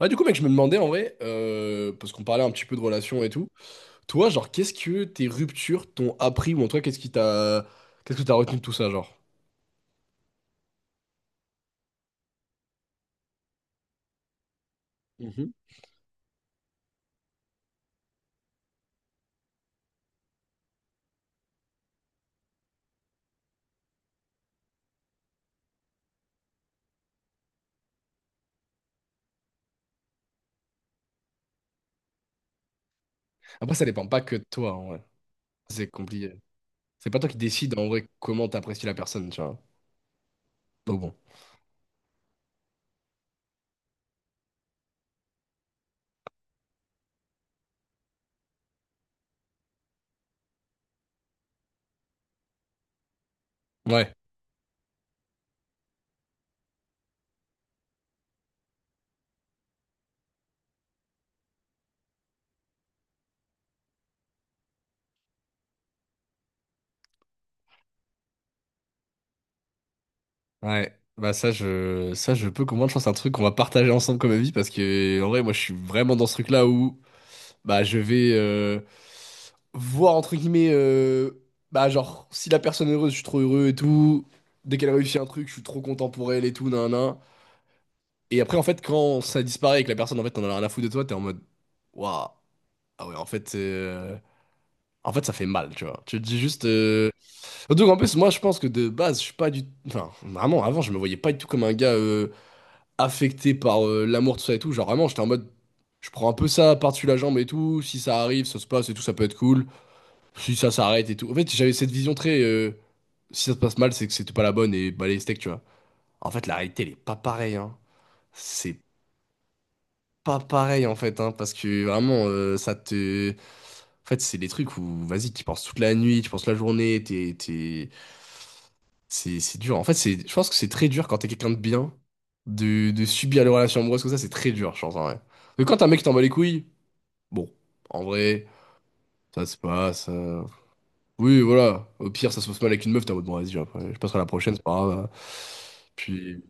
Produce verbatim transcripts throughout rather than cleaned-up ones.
Ouais, du coup, mec, je me demandais en vrai, euh, parce qu'on parlait un petit peu de relations et tout, toi, genre, qu'est-ce que tes ruptures t'ont appris, ou en toi, qu'est-ce qui t'a, qu'est-ce que t'as retenu de tout ça, genre? Mhm. Après, ça dépend pas que de toi, en vrai. C'est compliqué. C'est pas toi qui décides, en vrai, comment t'apprécies la personne, tu vois. Donc bon. Ouais, ouais. Bah ça, je, ça, je peux comprendre. Je pense que c'est un truc qu'on va partager ensemble comme avis, parce que, en vrai, moi, je suis vraiment dans ce truc-là où bah, je vais euh, voir, entre guillemets, euh, bah, genre, si la personne est heureuse, je suis trop heureux et tout. Dès qu'elle réussit un truc, je suis trop content pour elle et tout, nan, nan. Et après, en fait, quand ça disparaît et que la personne, en fait, t'en a rien à foutre de toi, t'es en mode, waouh, ah ouais, en fait, euh, en fait, ça fait mal, tu vois. Tu te dis juste. euh, Surtout qu'en plus, moi, je pense que de base, je suis pas du. Enfin, vraiment, avant, je me voyais pas du tout comme un gars euh, affecté par euh, l'amour, tout ça et tout. Genre, vraiment, j'étais en mode. Je prends un peu ça par-dessus la jambe et tout. Si ça arrive, ça se passe et tout, ça peut être cool. Si ça s'arrête et tout. En fait, j'avais cette vision très. euh, si ça se passe mal, c'est que c'était pas la bonne et bah les steaks, tu vois. En fait, la réalité, elle est pas pareille, hein. C'est pas pareil, en fait, hein, parce que vraiment, euh, ça te. En fait, c'est des trucs où, vas-y, tu penses toute la nuit, tu penses la journée, t'es, t'es. C'est, c'est dur. En fait, c'est, je pense que c'est très dur quand t'es quelqu'un de bien, de, de subir les relations amoureuses comme ça, c'est très dur, je pense, en vrai. Mais quand t'as un mec qui t'en bat les couilles, bon, en vrai, ça se passe. euh, Oui, voilà. Au pire, ça se passe mal avec une meuf, t'es en mode, bon, vas-y, après, je passerai à la prochaine, c'est pas grave. Puis,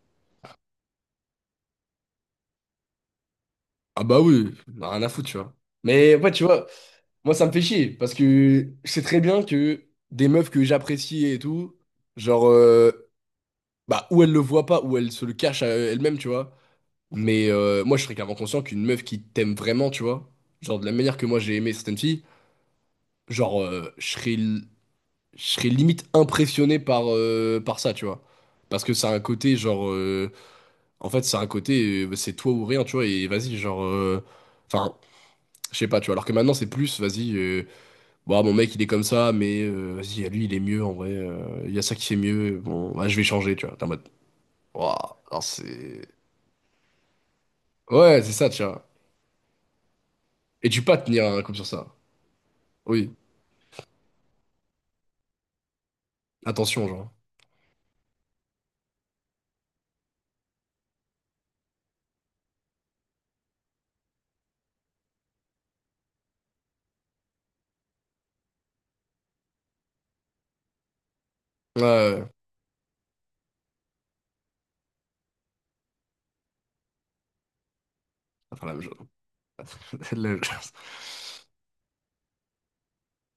ah bah oui, on a rien à foutre, tu vois. Mais ouais, tu vois, moi, ça me fait chier, parce que je sais très bien que des meufs que j'apprécie et tout, genre, euh, bah, ou elles le voient pas, ou elles se le cachent à elles-mêmes, tu vois. Mais euh, moi, je serais clairement conscient qu'une meuf qui t'aime vraiment, tu vois, genre, de la manière que moi, j'ai aimé certaines filles, genre, euh, je serais, je serais limite impressionné par, euh, par ça, tu vois. Parce que ça a un côté, genre. euh, En fait, c'est un côté, euh, c'est toi ou rien, tu vois, et vas-y, genre. euh, Enfin, je sais pas, tu vois, alors que maintenant, c'est plus, vas-y, euh, bon, ah, mon mec, il est comme ça, mais euh, vas-y, à lui, il est mieux, en vrai, euh, il y a ça qui fait mieux, bon, bah, je vais changer, tu vois, t'es en mode. Waouh, alors c'est. Ouais, c'est ça, tu vois. Et tu peux pas tenir un couple sur ça. Oui, attention, genre. Ouais, ouais, enfin, la même chose. La même chose.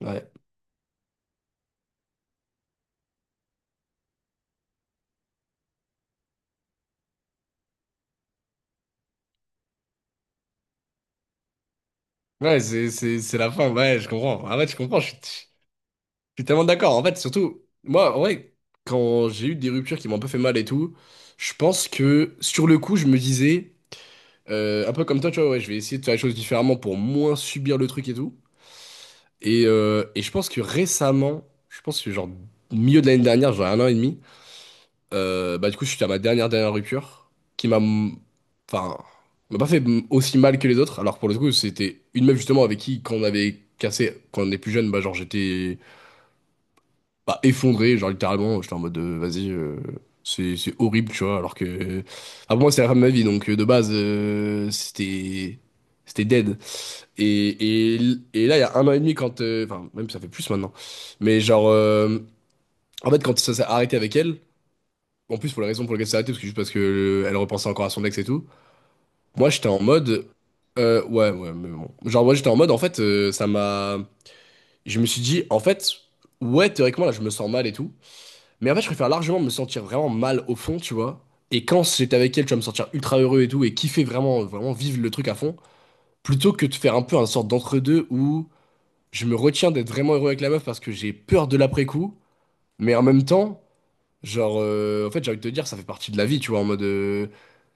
Ouais. Ouais, c'est c'est- c'est la fin, ouais, je comprends. Ah ouais, tu comprends, je suis. Je suis tellement d'accord. En fait, surtout, moi, en vrai, quand j'ai eu des ruptures qui m'ont un peu fait mal et tout, je pense que sur le coup, je me disais, euh, un peu comme toi, tu vois, ouais, je vais essayer de faire les choses différemment pour moins subir le truc et tout. Et, euh, et je pense que récemment, je pense que genre milieu de l'année dernière, genre un an et demi, euh, bah du coup, je suis à ma dernière dernière rupture qui m'a, m- enfin, m'a pas fait m- aussi mal que les autres. Alors pour le coup, c'était une meuf justement avec qui, quand on avait cassé, quand on est plus jeune, bah genre j'étais bah, effondré, genre littéralement, j'étais en mode euh, vas-y, euh, c'est c'est horrible, tu vois, alors que ah, pour moi c'est la femme de ma vie, donc euh, de base euh, c'était c'était dead. Et, et, et là il y a un an et demi quand euh, enfin même ça fait plus maintenant, mais genre euh, en fait quand ça s'est arrêté avec elle, en plus pour la raison pour laquelle ça s'est arrêté, parce que juste parce que euh, elle repensait encore à son ex et tout, moi j'étais en mode euh, ouais ouais mais bon, genre moi j'étais en mode en fait euh, ça m'a, je me suis dit en fait ouais théoriquement là je me sens mal et tout. Mais en fait, je préfère largement me sentir vraiment mal au fond, tu vois. Et quand j'étais avec elle, tu vas me sentir ultra heureux et tout, et kiffer vraiment, vraiment vivre le truc à fond, plutôt que de faire un peu un sorte d'entre-deux où je me retiens d'être vraiment heureux avec la meuf parce que j'ai peur de l'après-coup, mais en même temps, genre, euh, en fait, j'ai envie de te dire, ça fait partie de la vie, tu vois, en mode. euh,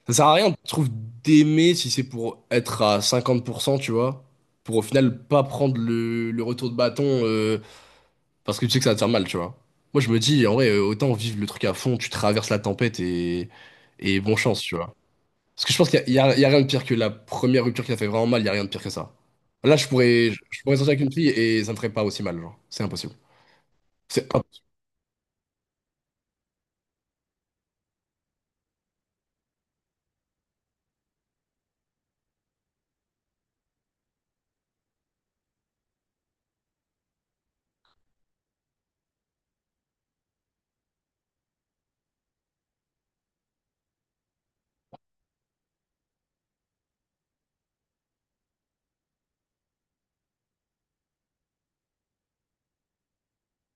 ça sert à rien, je trouve, d'aimer si c'est pour être à cinquante pour cent, tu vois, pour au final pas prendre le, le retour de bâton euh, parce que tu sais que ça va te faire mal, tu vois. Moi, je me dis, en vrai, euh, autant vivre le truc à fond, tu traverses la tempête et, et bonne chance, tu vois. Parce que je pense qu'il y a, il y a- il y a rien de pire que la première rupture qui t'a fait vraiment mal, il y a rien de pire que ça. Là, je pourrais, je, je pourrais sortir avec une fille et ça me ferait pas aussi mal, genre. C'est impossible. C'est impossible.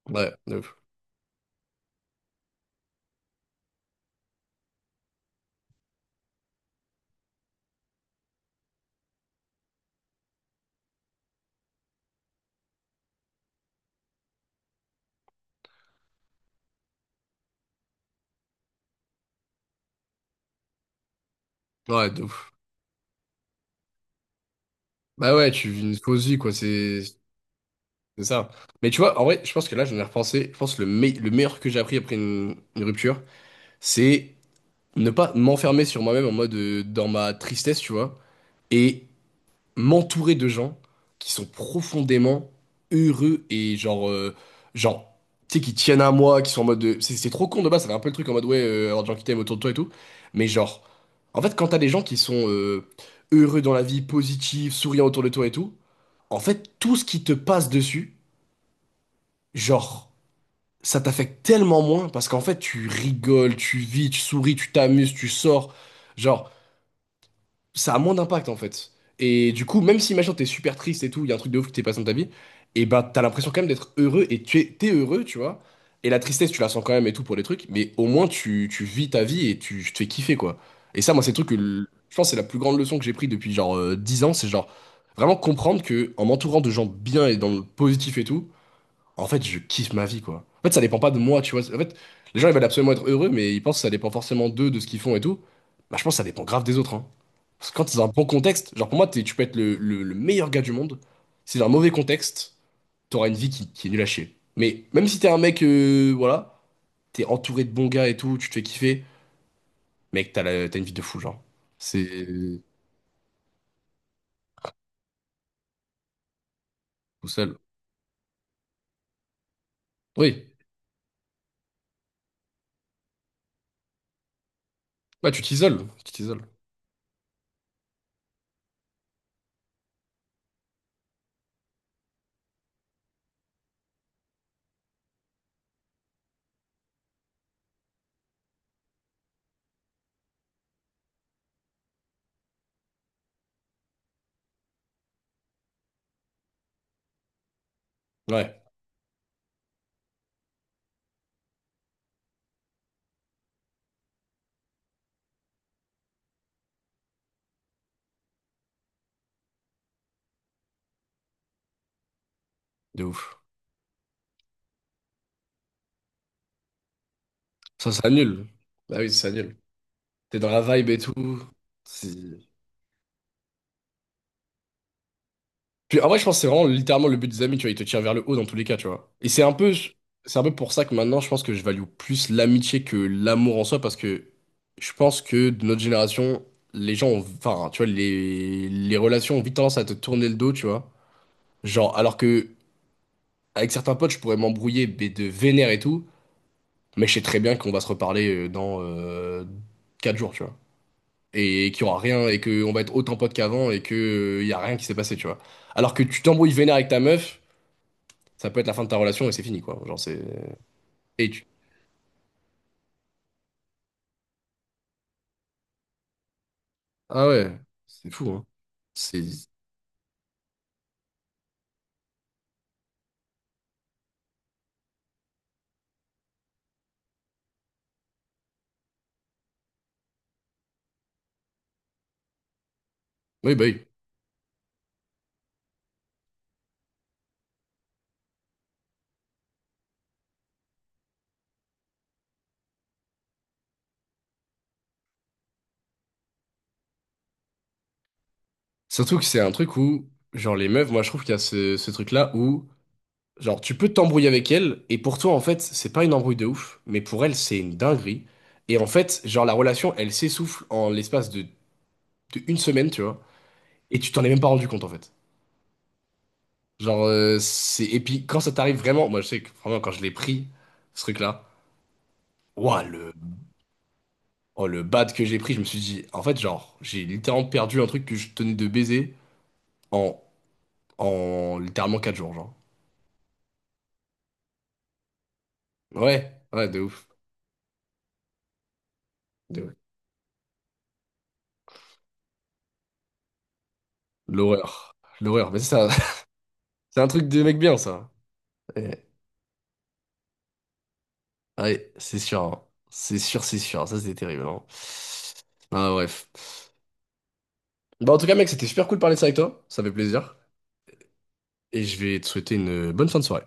Ouais, de ouf. Ouais, de ouf. Bah ouais, tu vis une fausse vie, quoi, c'est c'est ça. Mais tu vois, en vrai, je pense que là, j'en ai repensé. Je pense que le, me- le meilleur que j'ai appris après une, une rupture, c'est ne pas m'enfermer sur moi-même en mode euh, dans ma tristesse, tu vois. Et m'entourer de gens qui sont profondément heureux et genre, euh, genre, tu sais, qui tiennent à moi, qui sont en mode. de- C'est c'est trop con de base, ça fait un peu le truc en mode ouais, euh, avoir des gens qui t'aiment autour de toi et tout. Mais genre, en fait, quand t'as des gens qui sont euh, heureux dans la vie, positifs, souriants autour de toi et tout, en fait, tout ce qui te passe dessus, genre, ça t'affecte tellement moins parce qu'en fait, tu rigoles, tu vis, tu souris, tu t'amuses, tu sors. Genre, ça a moins d'impact en fait. Et du coup, même si imagine t'es super triste et tout, il y a un truc de ouf qui t'est passé dans ta vie, et bah t'as l'impression quand même d'être heureux et tu es, t'es heureux, tu vois. Et la tristesse, tu la sens quand même et tout pour les trucs, mais au moins tu, tu vis ta vie et tu tu te fais kiffer quoi. Et ça, moi, c'est le truc que l- je pense que c'est la plus grande leçon que j'ai pris depuis genre euh, 10 ans, c'est genre vraiment comprendre que en m'entourant de gens bien et dans le positif et tout, en fait, je kiffe ma vie, quoi. En fait, ça dépend pas de moi, tu vois. En fait, les gens, ils veulent absolument être heureux, mais ils pensent que ça dépend forcément d'eux, de ce qu'ils font et tout. Bah, je pense que ça dépend grave des autres, hein. Parce que quand c'est dans un bon contexte, genre pour moi, t'es- tu peux être le, le- le meilleur gars du monde. Si c'est dans un mauvais contexte, t'auras une vie qui, qui est nulle à chier. Mais même si t'es un mec, euh, voilà, t'es entouré de bons gars et tout, tu te fais kiffer, mec, t'as la- t'as une vie de fou, genre. C'est tout seul. Oui. Bah, tu t'isoles. Tu t'isoles. Ouais. De ouf. Ça, ça annule. Bah oui, ça annule. T'es dans la vibe et tout. C'est- Puis en vrai, je pense que c'est vraiment littéralement le but des amis, tu vois. Ils te tirent vers le haut dans tous les cas, tu vois. Et c'est un peu, c'est un peu pour ça que maintenant, je pense que je value plus l'amitié que l'amour en soi, parce que je pense que de notre génération, les gens ont, enfin, tu vois, les, les relations ont vite tendance à te tourner le dos, tu vois. Genre, alors que avec certains potes, je pourrais m'embrouiller, mais de vénère et tout, mais je sais très bien qu'on va se reparler euh, dans euh, quatre jours, tu vois. Et qu'il y aura rien et que on va être autant potes qu'avant et que euh, y a rien qui s'est passé, tu vois. Alors que tu t'embrouilles vénère avec ta meuf, ça peut être la fin de ta relation et c'est fini, quoi. Genre c'est et tu. Ah ouais, c'est fou, hein. C'est oui, bah oui. Surtout que c'est un truc où genre les meufs, moi je trouve qu'il y a ce, ce truc-là où genre tu peux t'embrouiller avec elle et pour toi en fait, c'est pas une embrouille de ouf, mais pour elle, c'est une dinguerie. Et en fait, genre la relation, elle s'essouffle en l'espace de, de une semaine, tu vois. Et tu t'en es même pas rendu compte en fait. Genre, euh, c'est. Et puis, quand ça t'arrive vraiment. Moi, je sais que vraiment, quand je l'ai pris, ce truc-là. Ouah, le. Oh, le bad que j'ai pris, je me suis dit. En fait, genre, j'ai littéralement perdu un truc que je tenais de baiser en. En littéralement quatre jours, genre. Ouais, ouais, de ouf. De ouf. L'horreur. L'horreur. Mais ça, c'est un truc de mec bien, ça. Ouais, ouais, c'est sûr, hein. C'est sûr, c'est sûr. Ça, c'était terrible, hein. Ah, bref. Bah, en tout cas, mec, c'était super cool de parler de ça avec toi. Ça fait plaisir. Et je vais te souhaiter une bonne fin de soirée.